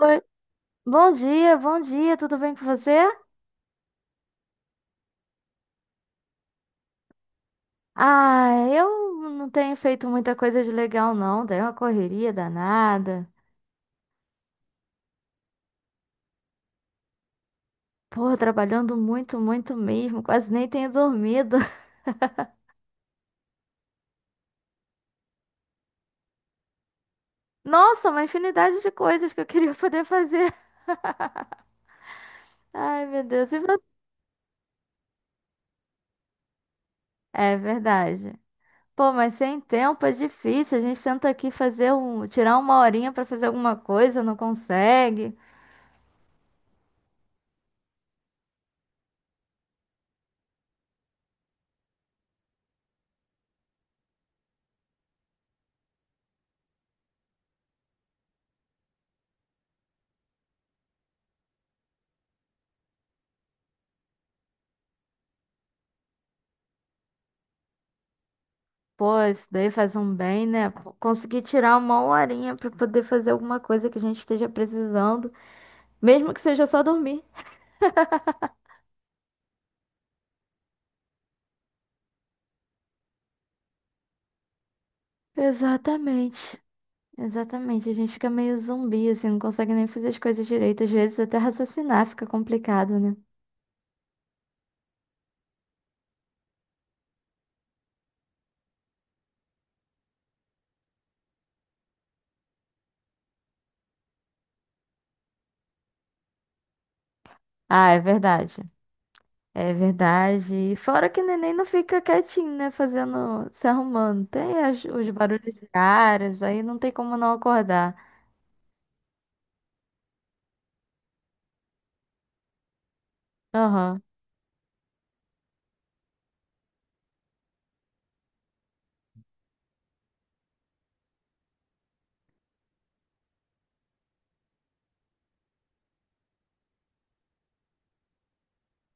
Oi, bom dia, tudo bem com você? Ah, eu não tenho feito muita coisa de legal, não. Dei uma correria danada. Pô, trabalhando muito, muito mesmo. Quase nem tenho dormido. Nossa, uma infinidade de coisas que eu queria poder fazer. Ai, meu Deus. E você? É verdade. Pô, mas sem tempo é difícil. A gente tenta aqui fazer tirar uma horinha pra fazer alguma coisa, não consegue. Pô, isso daí faz um bem, né? Pô, conseguir tirar uma horinha pra poder fazer alguma coisa que a gente esteja precisando, mesmo que seja só dormir. Exatamente. Exatamente. A gente fica meio zumbi, assim, não consegue nem fazer as coisas direito. Às vezes até raciocinar fica complicado, né? Ah, é verdade. É verdade. E fora que o neném não fica quietinho, né? Fazendo, se arrumando. Tem os barulhos diários, aí não tem como não acordar. Aham.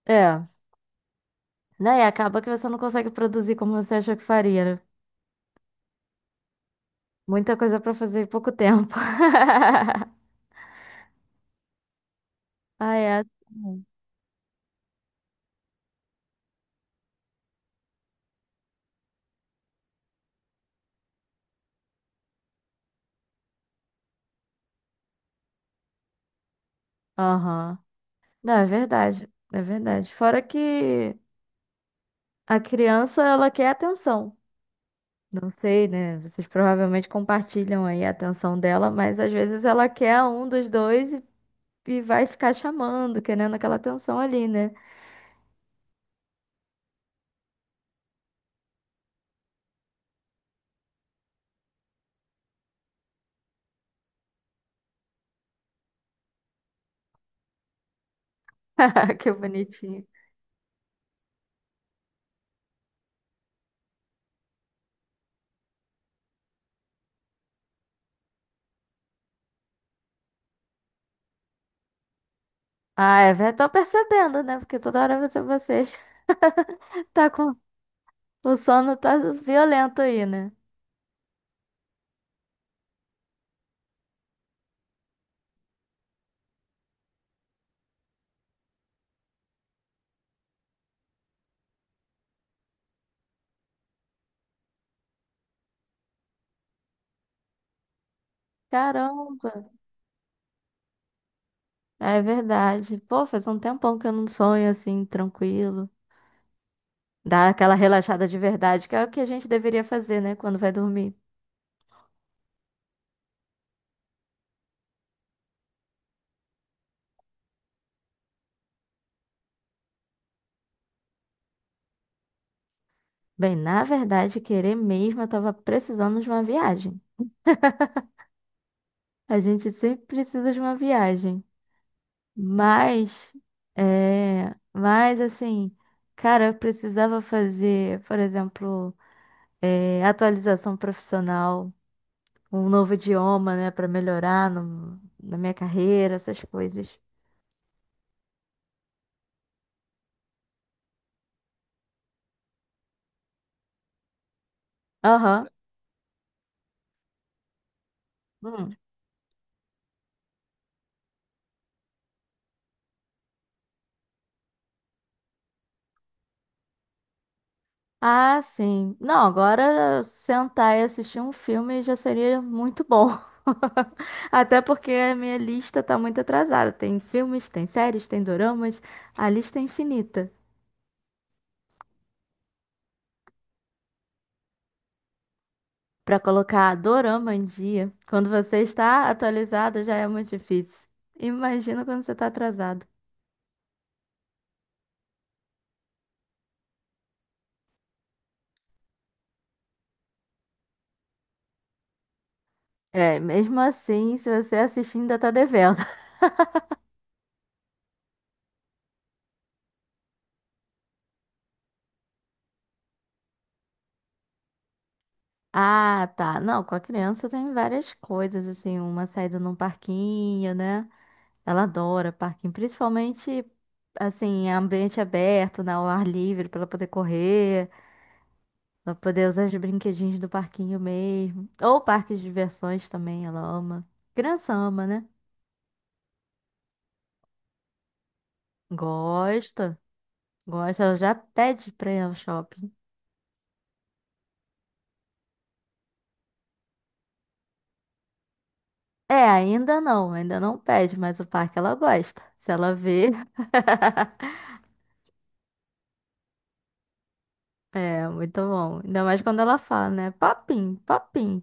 É. Daí acaba que você não consegue produzir como você achou que faria, né? Muita coisa pra fazer em pouco tempo. Ah, é assim. Aham. Não, é verdade. É verdade. Fora que a criança, ela quer atenção. Não sei, né? Vocês provavelmente compartilham aí a atenção dela, mas às vezes ela quer um dos dois e vai ficar chamando, querendo aquela atenção ali, né? Que bonitinho. Ah, é, tô percebendo, né? Porque toda hora você, vocês tá com o sono tá violento aí, né? Caramba, é verdade. Pô, faz um tempão que eu não sonho assim, tranquilo. Dá aquela relaxada de verdade, que é o que a gente deveria fazer, né, quando vai dormir. Bem, na verdade, querer mesmo, eu tava precisando de uma viagem. A gente sempre precisa de uma viagem. Mas, é. Mas, assim, cara, eu precisava fazer, por exemplo, atualização profissional. Um novo idioma, né, pra melhorar na minha carreira, essas coisas. Aham. Hum. Ah, sim. Não, agora sentar e assistir um filme já seria muito bom. Até porque a minha lista tá muito atrasada. Tem filmes, tem séries, tem doramas. A lista é infinita. Pra colocar dorama em dia, quando você está atualizado, já é muito difícil. Imagina quando você tá atrasado. É, mesmo assim, se você assistir, ainda tá devendo. Ah, tá. Não, com a criança tem várias coisas, assim, uma saída num parquinho, né? Ela adora parquinho, principalmente, assim, ambiente aberto, né? Ao ar livre, pra ela poder correr, pra poder usar os brinquedinhos do parquinho mesmo. Ou parques de diversões também, ela ama. Criança ama, né? Gosta, gosta, ela já pede pra ir ao shopping. É, ainda não pede, mas o parque ela gosta. Se ela vê. É, muito bom. Ainda mais quando ela fala, né? Papim, papim.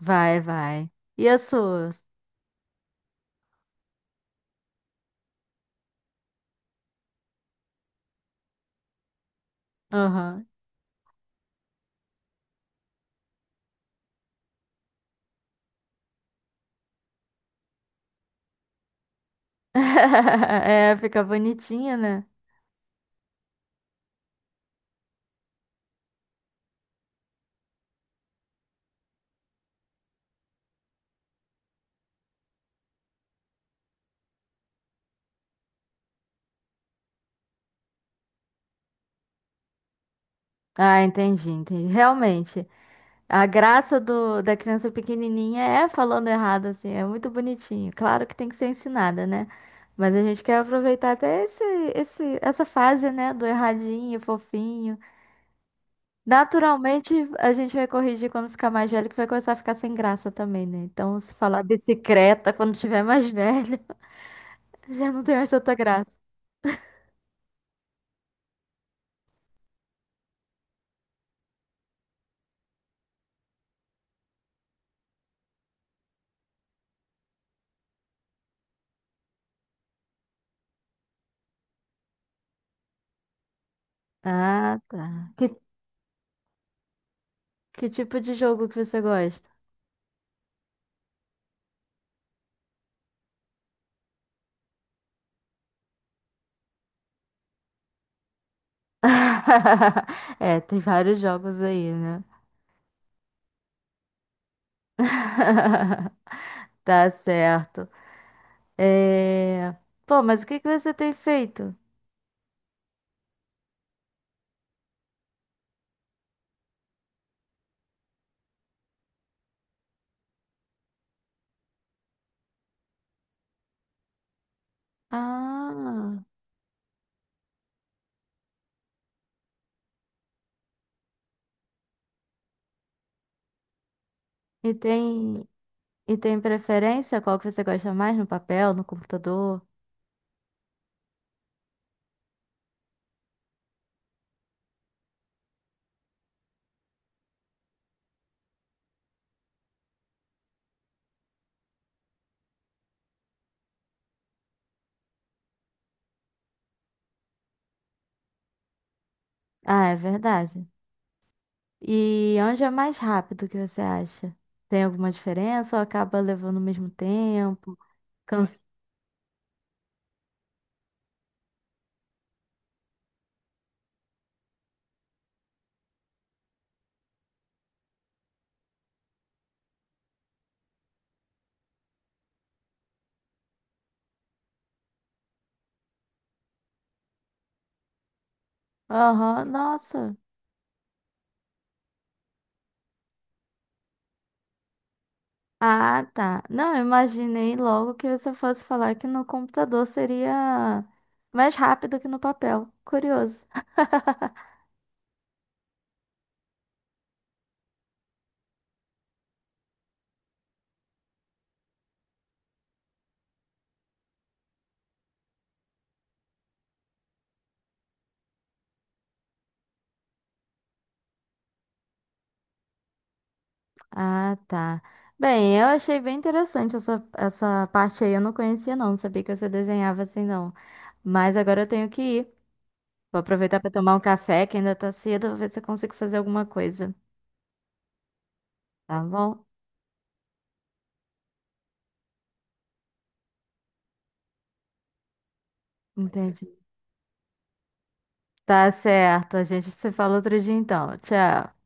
Vai, vai. E as suas? Aham. É, fica bonitinha, né? Ah, entendi, entendi. Realmente, a graça do, da criança pequenininha é falando errado, assim, é muito bonitinho. Claro que tem que ser ensinada, né? Mas a gente quer aproveitar até esse, essa fase, né? Do erradinho, fofinho. Naturalmente, a gente vai corrigir quando ficar mais velho, que vai começar a ficar sem graça também, né? Então, se falar bicicleta quando tiver mais velho, já não tem mais tanta graça. Ah, tá. Que tipo de jogo que você gosta? É, tem vários jogos aí, né? Tá certo. É... Pô, mas o que que você tem feito? Ah, e tem, e tem preferência? Qual que você gosta mais no papel, no computador? Ah, é verdade. E onde é mais rápido que você acha? Tem alguma diferença ou acaba levando o mesmo tempo? Cansa... Aham, nossa. Ah, tá. Não, eu imaginei logo que você fosse falar que no computador seria mais rápido que no papel. Curioso. Ah, tá. Bem, eu achei bem interessante essa parte aí. Eu não conhecia, não. Não sabia que você desenhava assim, não. Mas agora eu tenho que ir. Vou aproveitar para tomar um café, que ainda tá cedo. Vou ver se eu consigo fazer alguma coisa. Tá bom? Entendi. Tá certo, gente. Você fala outro dia então. Tchau.